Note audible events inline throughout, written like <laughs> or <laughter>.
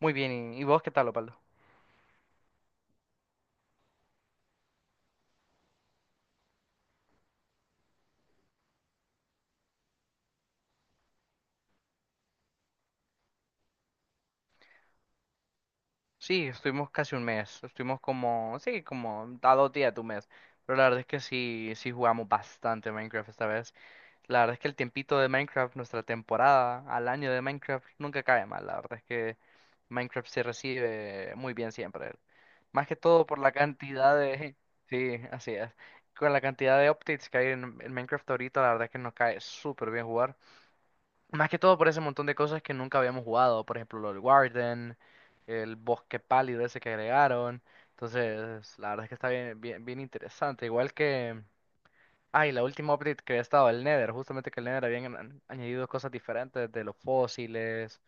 Muy bien, ¿y vos qué tal, Opaldo? Sí, estuvimos casi un mes, estuvimos como, sí, como a dos días de un mes, pero la verdad es que sí, sí jugamos bastante Minecraft esta vez. La verdad es que el tiempito de Minecraft, nuestra temporada al año de Minecraft, nunca cae mal, la verdad es que Minecraft se recibe muy bien siempre. Más que todo por la cantidad de... <laughs> Sí, así es. Con la cantidad de updates que hay en Minecraft ahorita, la verdad es que nos cae súper bien jugar. Más que todo por ese montón de cosas que nunca habíamos jugado, por ejemplo, lo del Warden, el bosque pálido ese que agregaron. Entonces, la verdad es que está bien, bien, bien interesante. Igual que, ay, la última update que había estado, el Nether, justamente que el Nether habían añadido cosas diferentes de los fósiles,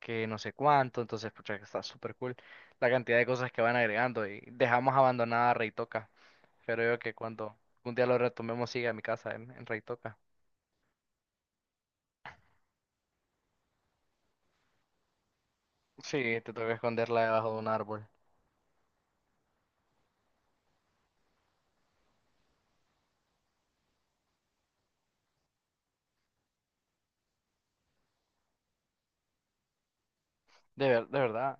que no sé cuánto. Entonces, pucha, que está súper cool la cantidad de cosas que van agregando y dejamos abandonada Reitoca. Creo que cuando un día lo retomemos, sigue a mi casa en Reitoca. Sí, te toca esconderla debajo de un árbol. De verdad.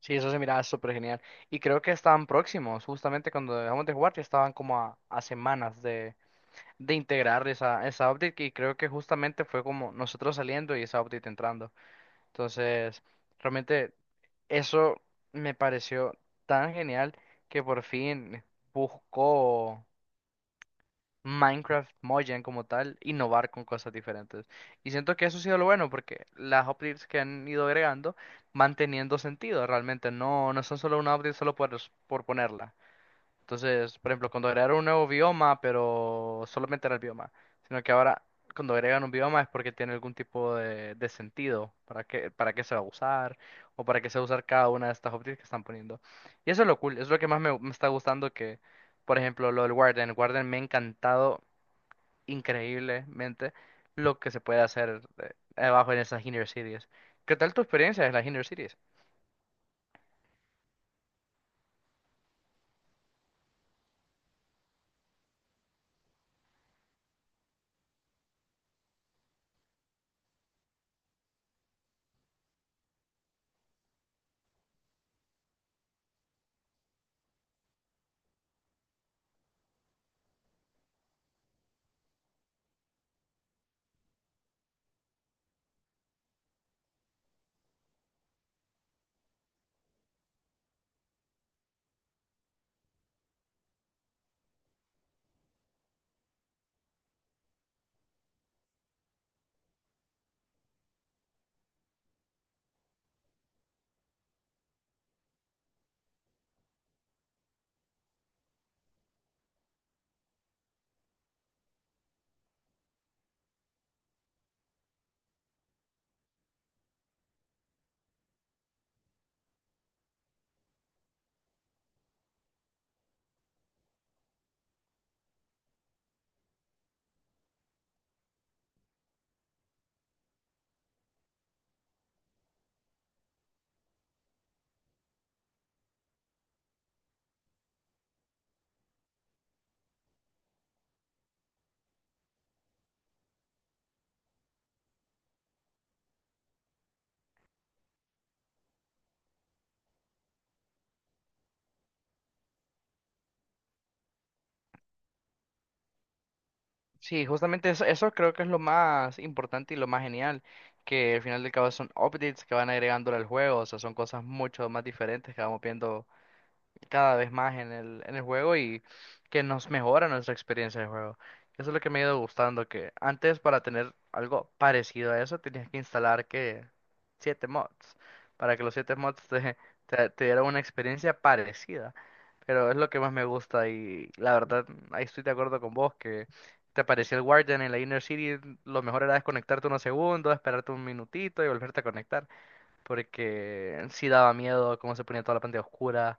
Sí, eso se miraba súper genial. Y creo que estaban próximos, justamente cuando dejamos de jugar, ya estaban como a semanas de integrar esa, esa update. Y creo que justamente fue como nosotros saliendo y esa update entrando. Entonces, realmente eso me pareció tan genial que por fin buscó. Minecraft Mojang como tal, innovar con cosas diferentes. Y siento que eso ha sido lo bueno porque las updates que han ido agregando van teniendo sentido realmente, no, no son solo una update solo por ponerla. Entonces, por ejemplo, cuando agregaron un nuevo bioma, pero solamente era el bioma, sino que ahora cuando agregan un bioma es porque tiene algún tipo de sentido para qué se va a usar o para qué se va a usar cada una de estas updates que están poniendo. Y eso es lo cool, es lo que más me, me está gustando que, por ejemplo, lo del Warden. Warden me ha encantado increíblemente lo que se puede hacer abajo en esas inner cities. ¿Qué tal tu experiencia en las inner cities? Sí, justamente eso, eso creo que es lo más importante y lo más genial, que al final del cabo son updates que van agregándole al juego, o sea, son cosas mucho más diferentes que vamos viendo cada vez más en el juego y que nos mejora nuestra experiencia de juego. Eso es lo que me ha ido gustando, que antes para tener algo parecido a eso tenías que instalar que 7 mods, para que los 7 mods te, <laughs> te dieran una experiencia parecida. Pero es lo que más me gusta y la verdad, ahí estoy de acuerdo con vos, que te aparecía el Guardian en la Inner City, lo mejor era desconectarte unos segundos, esperarte un minutito y volverte a conectar, porque sí daba miedo cómo se ponía toda la pantalla oscura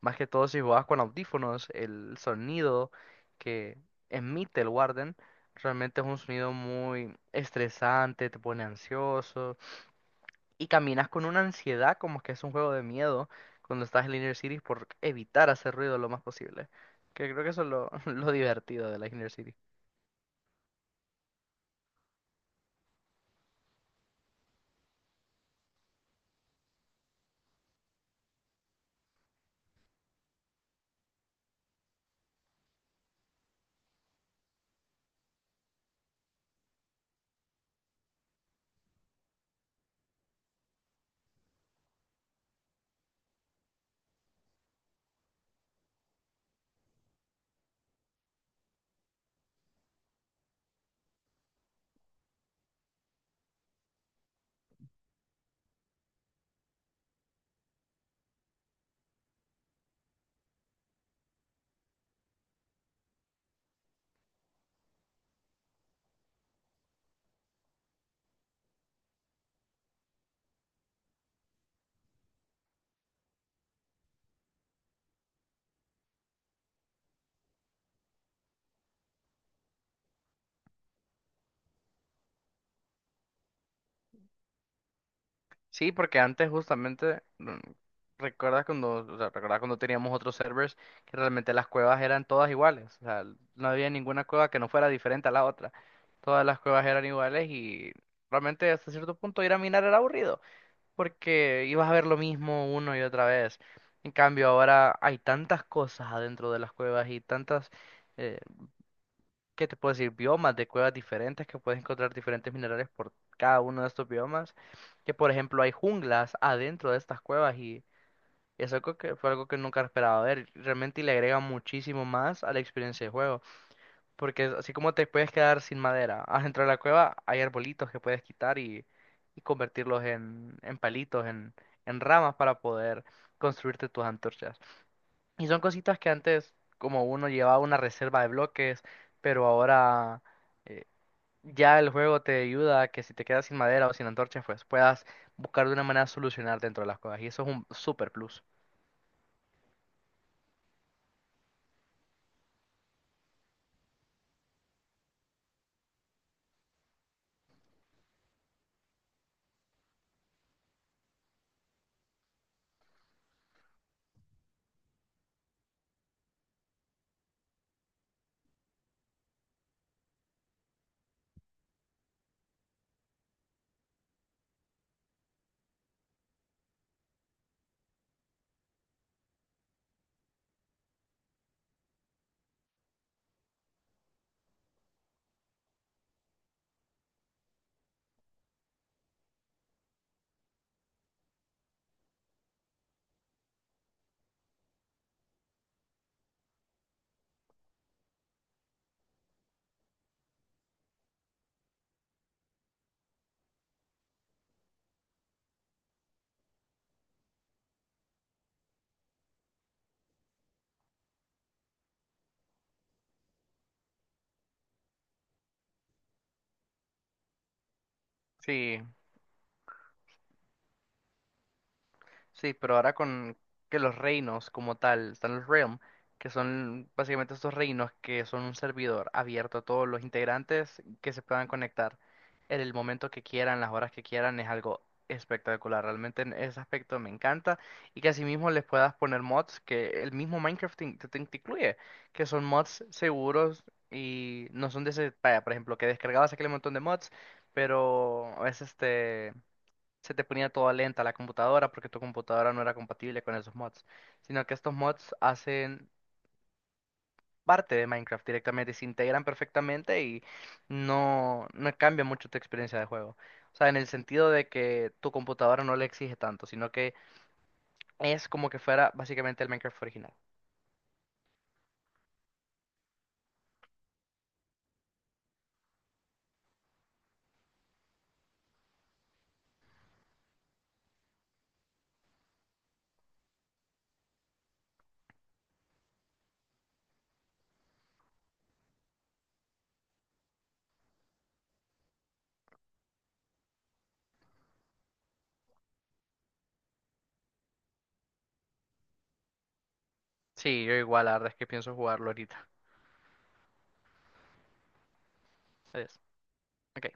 más que todo si jugabas con audífonos, el sonido que emite el Warden realmente es un sonido muy estresante, te pone ansioso y caminas con una ansiedad como que es un juego de miedo cuando estás en la Inner Cities por evitar hacer ruido lo más posible. Que creo que eso es lo, <laughs> lo divertido de la Inner Cities. Sí, porque antes justamente, recuerdas cuando, o sea, recuerdas cuando teníamos otros servers que realmente las cuevas eran todas iguales, o sea, no había ninguna cueva que no fuera diferente a la otra. Todas las cuevas eran iguales y realmente hasta cierto punto ir a minar era aburrido, porque ibas a ver lo mismo una y otra vez. En cambio, ahora hay tantas cosas adentro de las cuevas y tantas eh, ¿qué te puedo decir? Biomas de cuevas diferentes que puedes encontrar diferentes minerales por cada uno de estos biomas. Que por ejemplo hay junglas adentro de estas cuevas y es algo que fue algo que nunca esperaba ver. Realmente le agrega muchísimo más a la experiencia de juego. Porque así como te puedes quedar sin madera, adentro de la cueva hay arbolitos que puedes quitar y convertirlos en palitos, en ramas para poder construirte tus antorchas. Y son cositas que antes como uno llevaba una reserva de bloques, pero ahora... eh, ya el juego te ayuda a que si te quedas sin madera o sin antorchas, pues puedas buscar de una manera solucionar dentro de las cosas. Y eso es un super plus. Sí, sí, pero ahora con que los reinos como tal, están los Realm, que son básicamente estos reinos que son un servidor abierto a todos los integrantes que se puedan conectar en el momento que quieran, las horas que quieran, es algo espectacular. Realmente en ese aspecto me encanta y que asimismo les puedas poner mods que el mismo Minecraft te, te incluye, que son mods seguros y no son de ese, vaya, por ejemplo, que descargabas aquel montón de mods, pero a veces se te ponía toda lenta la computadora porque tu computadora no era compatible con esos mods, sino que estos mods hacen parte de Minecraft directamente, se integran perfectamente y no, no cambia mucho tu experiencia de juego. O sea, en el sentido de que tu computadora no le exige tanto, sino que es como que fuera básicamente el Minecraft original. Sí, yo igual, la verdad es que pienso jugarlo ahorita. Adiós. Ok.